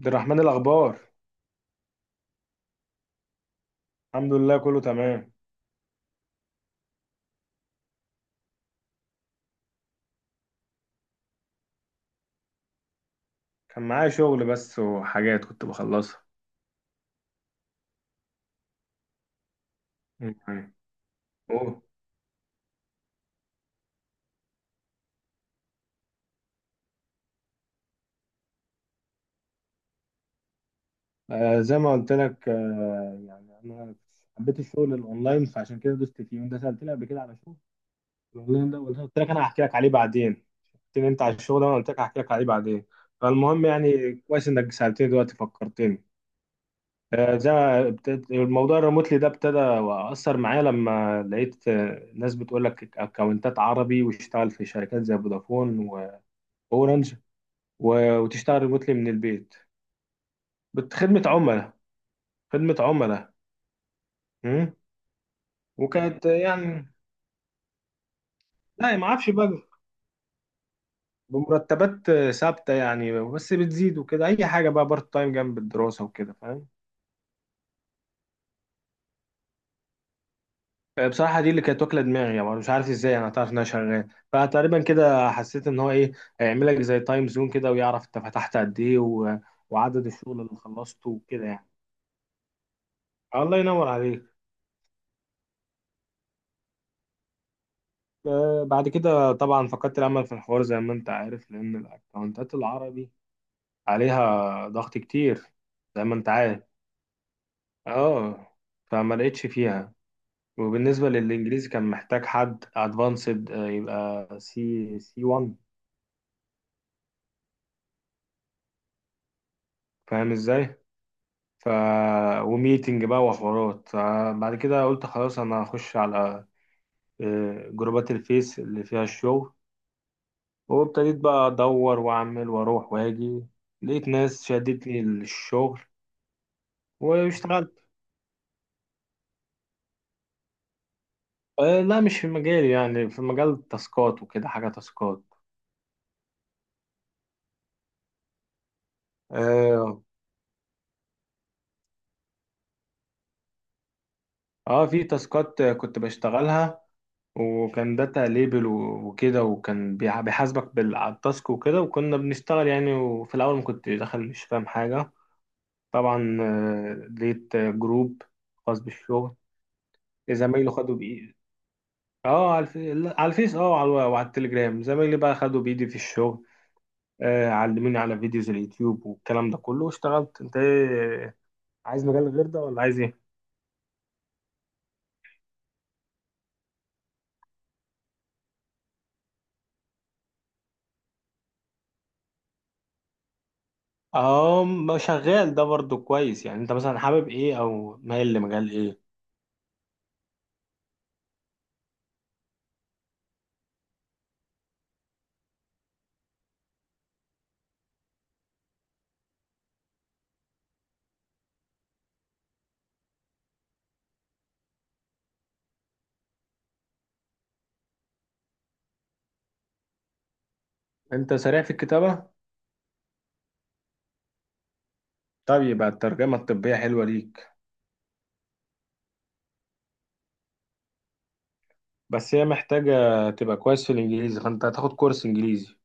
عبد الرحمن، الأخبار؟ الحمد لله، كله تمام. كان معايا شغل بس وحاجات كنت بخلصها. مم. أوه. آه، زي ما قلت لك، يعني أنا حبيت الشغل الأونلاين، فعشان كده دوست فيه، وأنت سألتني قبل كده على شغل الأونلاين ده، وقلت لك أنا هحكي لك عليه بعدين. قلت لي أنت على الشغل ده، وأنا قلت لك هحكي لك عليه بعدين. فالمهم يعني كويس إنك سألتني دلوقتي، فكرتني. زي ما الموضوع الريموتلي ده ابتدى، واثر معايا لما لقيت ناس بتقول لك اكونتات عربي، واشتغل في شركات زي فودافون واورنج. وتشتغل ريموتلي من البيت. خدمه عملاء، خدمه عملاء. مم. وكانت لا، ما اعرفش بقى. بمرتبات ثابته يعني، بس بتزيد وكده، اي حاجه بقى، بارت تايم جنب الدراسه وكده، فاهم. بصراحة دي اللي كانت واكلة دماغي، يعني مش عارف ازاي انا تعرف ان انا شغال. فتقريبا كده حسيت ان هو ايه، هيعمل لك زي تايم زون كده، ويعرف انت فتحت قد ايه وعدد الشغل اللي خلصته وكده يعني. الله ينور عليك. بعد كده طبعا فقدت الامل في الحوار زي ما انت عارف، لان الاكونتات العربي عليها ضغط كتير، زي ما انت عارف. اه. فما لقيتش فيها. وبالنسبة للانجليزي كان محتاج حد ادفانسد، يبقى سي سي 1. فاهم ازاي؟ ف وميتنج بقى وحوارات. فبعد كده قلت خلاص، انا هخش على جروبات الفيس اللي فيها الشغل. وابتديت بقى ادور واعمل واروح واجي. لقيت ناس شدتني للشغل، واشتغلت. لا، مش في مجالي، يعني في مجال التاسكات وكده، حاجة تاسكات. اه. في تاسكات كنت بشتغلها، وكان داتا ليبل وكده، وكان بيحاسبك بالتاسك وكده، وكنا بنشتغل يعني. وفي الاول ما كنت داخل مش فاهم حاجة طبعا. لقيت جروب خاص بالشغل. زمايله خدوا بإيدي. اه، على لا، على الفيس، اه، وعلى التليجرام، زمايلي بقى خدوا بإيدي في الشغل. آه، علموني على فيديوز اليوتيوب والكلام ده كله، واشتغلت. انت ايه، عايز مجال غير ده ولا عايز ايه؟ اه، ما شغال ده برضو كويس. يعني انت مثلا حابب ايه او مايل لمجال ايه؟ انت سريع في الكتابة؟ طب يبقى الترجمة الطبية حلوة ليك. بس هي محتاجة تبقى كويس في الانجليزي، فانت هتاخد كورس انجليزي.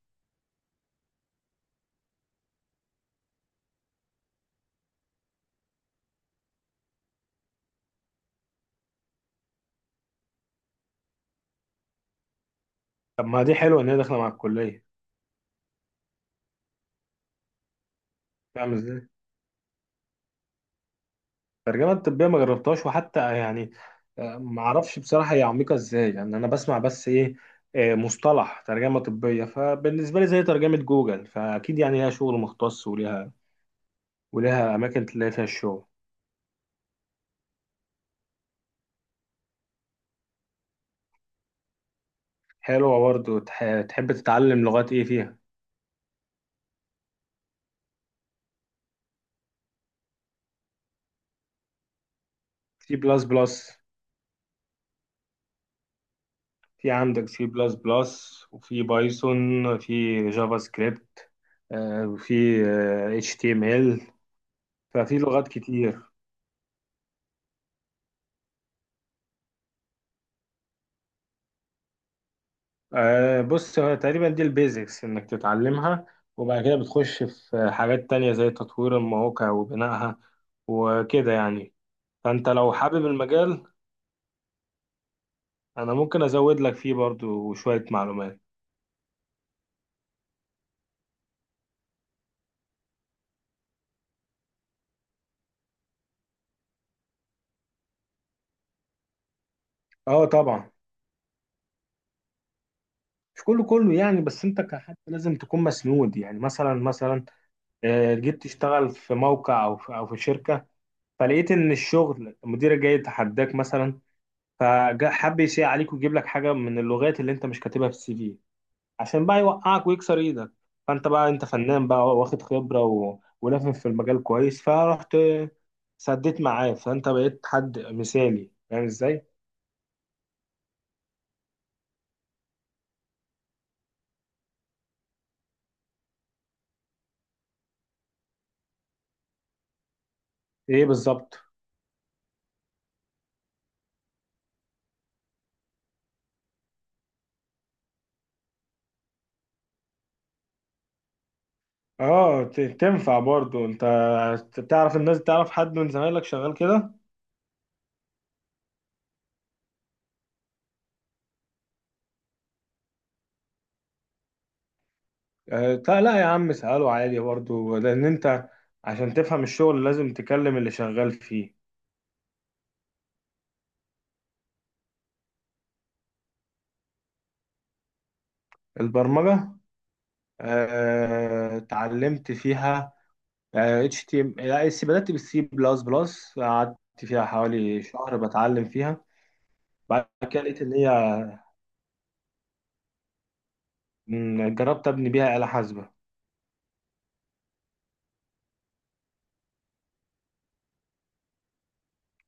طب ما دي حلوة ان هي داخلة مع الكلية. فاهم ازاي؟ الترجمه الطبيه ما جربتهاش، وحتى يعني ما اعرفش بصراحه هي عميقه ازاي. يعني انا بسمع بس ايه، مصطلح ترجمه طبيه، فبالنسبه لي زي ترجمه جوجل، فاكيد يعني ليها شغل مختص، وليها اماكن تلاقي فيها الشغل. حلوه برضه. تحب تتعلم لغات ايه فيها؟ سي بلس بلس. في عندك سي بلس بلس، وفي بايثون، في جافا سكريبت، وفي اتش تي ام ال. ففي لغات كتير. آه، بص، هو تقريبا دي البيزكس انك تتعلمها، وبعد كده بتخش في حاجات تانية زي تطوير المواقع وبنائها وكده يعني. فانت لو حابب المجال، انا ممكن ازود لك فيه برضو شوية معلومات. اه طبعا. مش كله كله يعني، بس انت كحد لازم تكون مسنود. يعني مثلا جيت تشتغل في موقع، او في، او في شركة، فلقيت ان الشغل مديرك جاي يتحداك مثلا، فحب يسيء عليك ويجيب لك حاجة من اللغات اللي انت مش كاتبها في السي في، عشان بقى يوقعك ويكسر ايدك. فانت بقى انت فنان بقى، واخد خبرة ولافف في المجال كويس، فرحت سديت معاه، فانت بقيت حد مثالي. فاهم ازاي؟ ايه بالظبط؟ اه، تنفع برضو. انت تعرف الناس، تعرف حد من زمايلك شغال كده؟ آه، لا لا يا عم، اسأله عادي برضو، لان انت عشان تفهم الشغل لازم تكلم اللي شغال فيه. البرمجة، آه، اتعلمت فيها. اتش تي ام لا اس، بدات بالسي بلس بلس، قعدت فيها حوالي شهر بتعلم فيها. بعد كده لقيت ان هي، مم، جربت ابني بيها آلة حاسبة.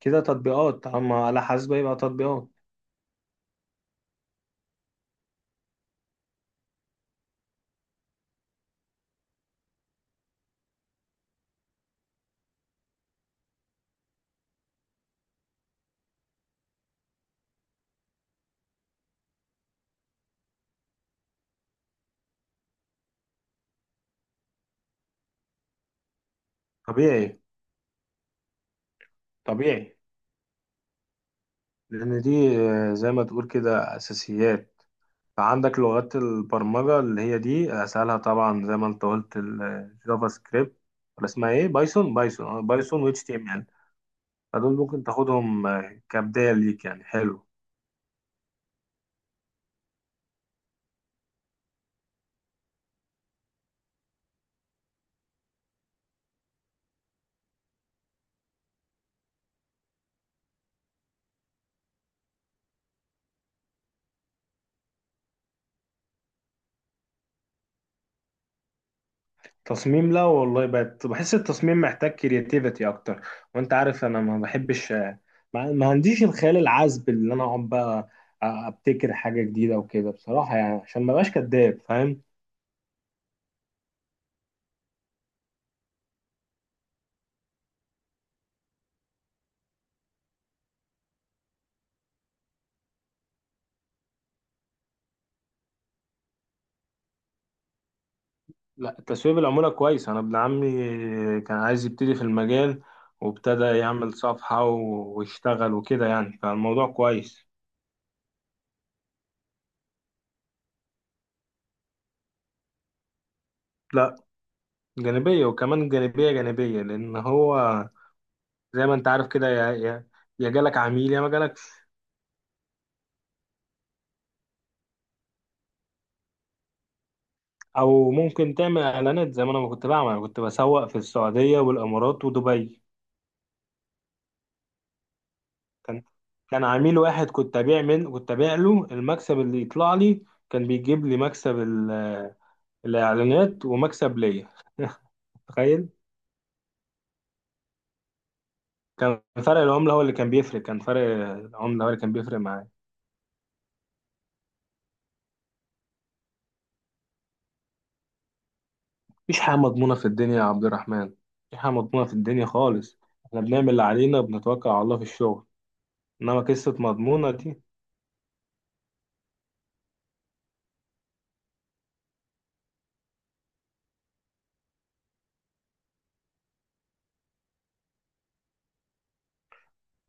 كده تطبيقات، اما آلة حاسبة يبقى تطبيقات. طبيعي. طبيعي. لان دي زي ما تقول كده اساسيات. فعندك لغات البرمجة اللي هي دي اسهلها، طبعا زي ما انت قلت الجافا سكريبت، ولا اسمها ايه، بايثون. بايثون، اه، بايثون و اتش تي ام ال. فدول ممكن تاخدهم كبداية ليك يعني، حلو. تصميم، لا والله، بقت بحس التصميم محتاج كرياتيفيتي اكتر. وانت عارف انا ما بحبش، ما عنديش الخيال العذب اللي انا اقعد بقى ابتكر حاجه جديده وكده، بصراحه يعني، عشان ما بقاش كداب. فاهم؟ لا، التسويق بالعموله كويس. انا ابن عمي كان عايز يبتدي في المجال، وابتدى يعمل صفحه ويشتغل وكده يعني. فالموضوع كويس. لا، جانبيه، وكمان جانبيه جانبيه، لان هو زي ما انت عارف كده، يا جالك عميل يا ما جالك. او ممكن تعمل اعلانات زي ما انا كنت بعمل. أنا كنت بسوق في السعوديه والامارات ودبي. كان كان عميل واحد، كنت ابيع له، المكسب اللي يطلع لي كان بيجيب لي، مكسب الاعلانات ومكسب ليا. تخيل. كان فرق العمله هو اللي كان بيفرق معايا. مفيش حاجه مضمونه في الدنيا يا عبد الرحمن، مفيش حاجه مضمونه في الدنيا خالص. احنا بنعمل اللي علينا وبنتوكل على الله في الشغل، انما قصه مضمونه دي.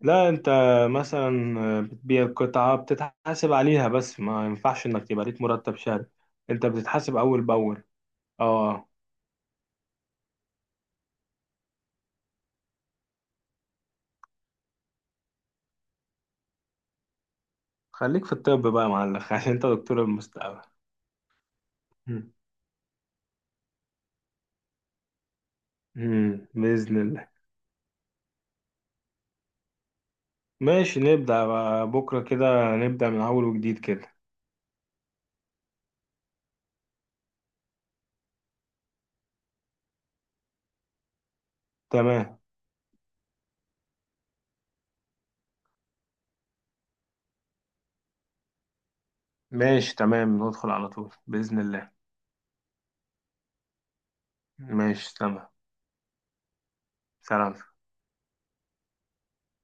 لا، انت مثلا بتبيع قطعة بتتحاسب عليها، بس ما ينفعش انك تبقى ليك مرتب شهري. انت بتتحاسب اول باول. اه. خليك في الطب بقى يا معلم، عشان انت دكتور المستقبل. مم. مم. بإذن الله. ماشي، نبدأ بقى بكرة كده، نبدأ من اول وجديد كده. تمام. ماشي تمام، ندخل على طول بإذن الله. ماشي تمام. سلام.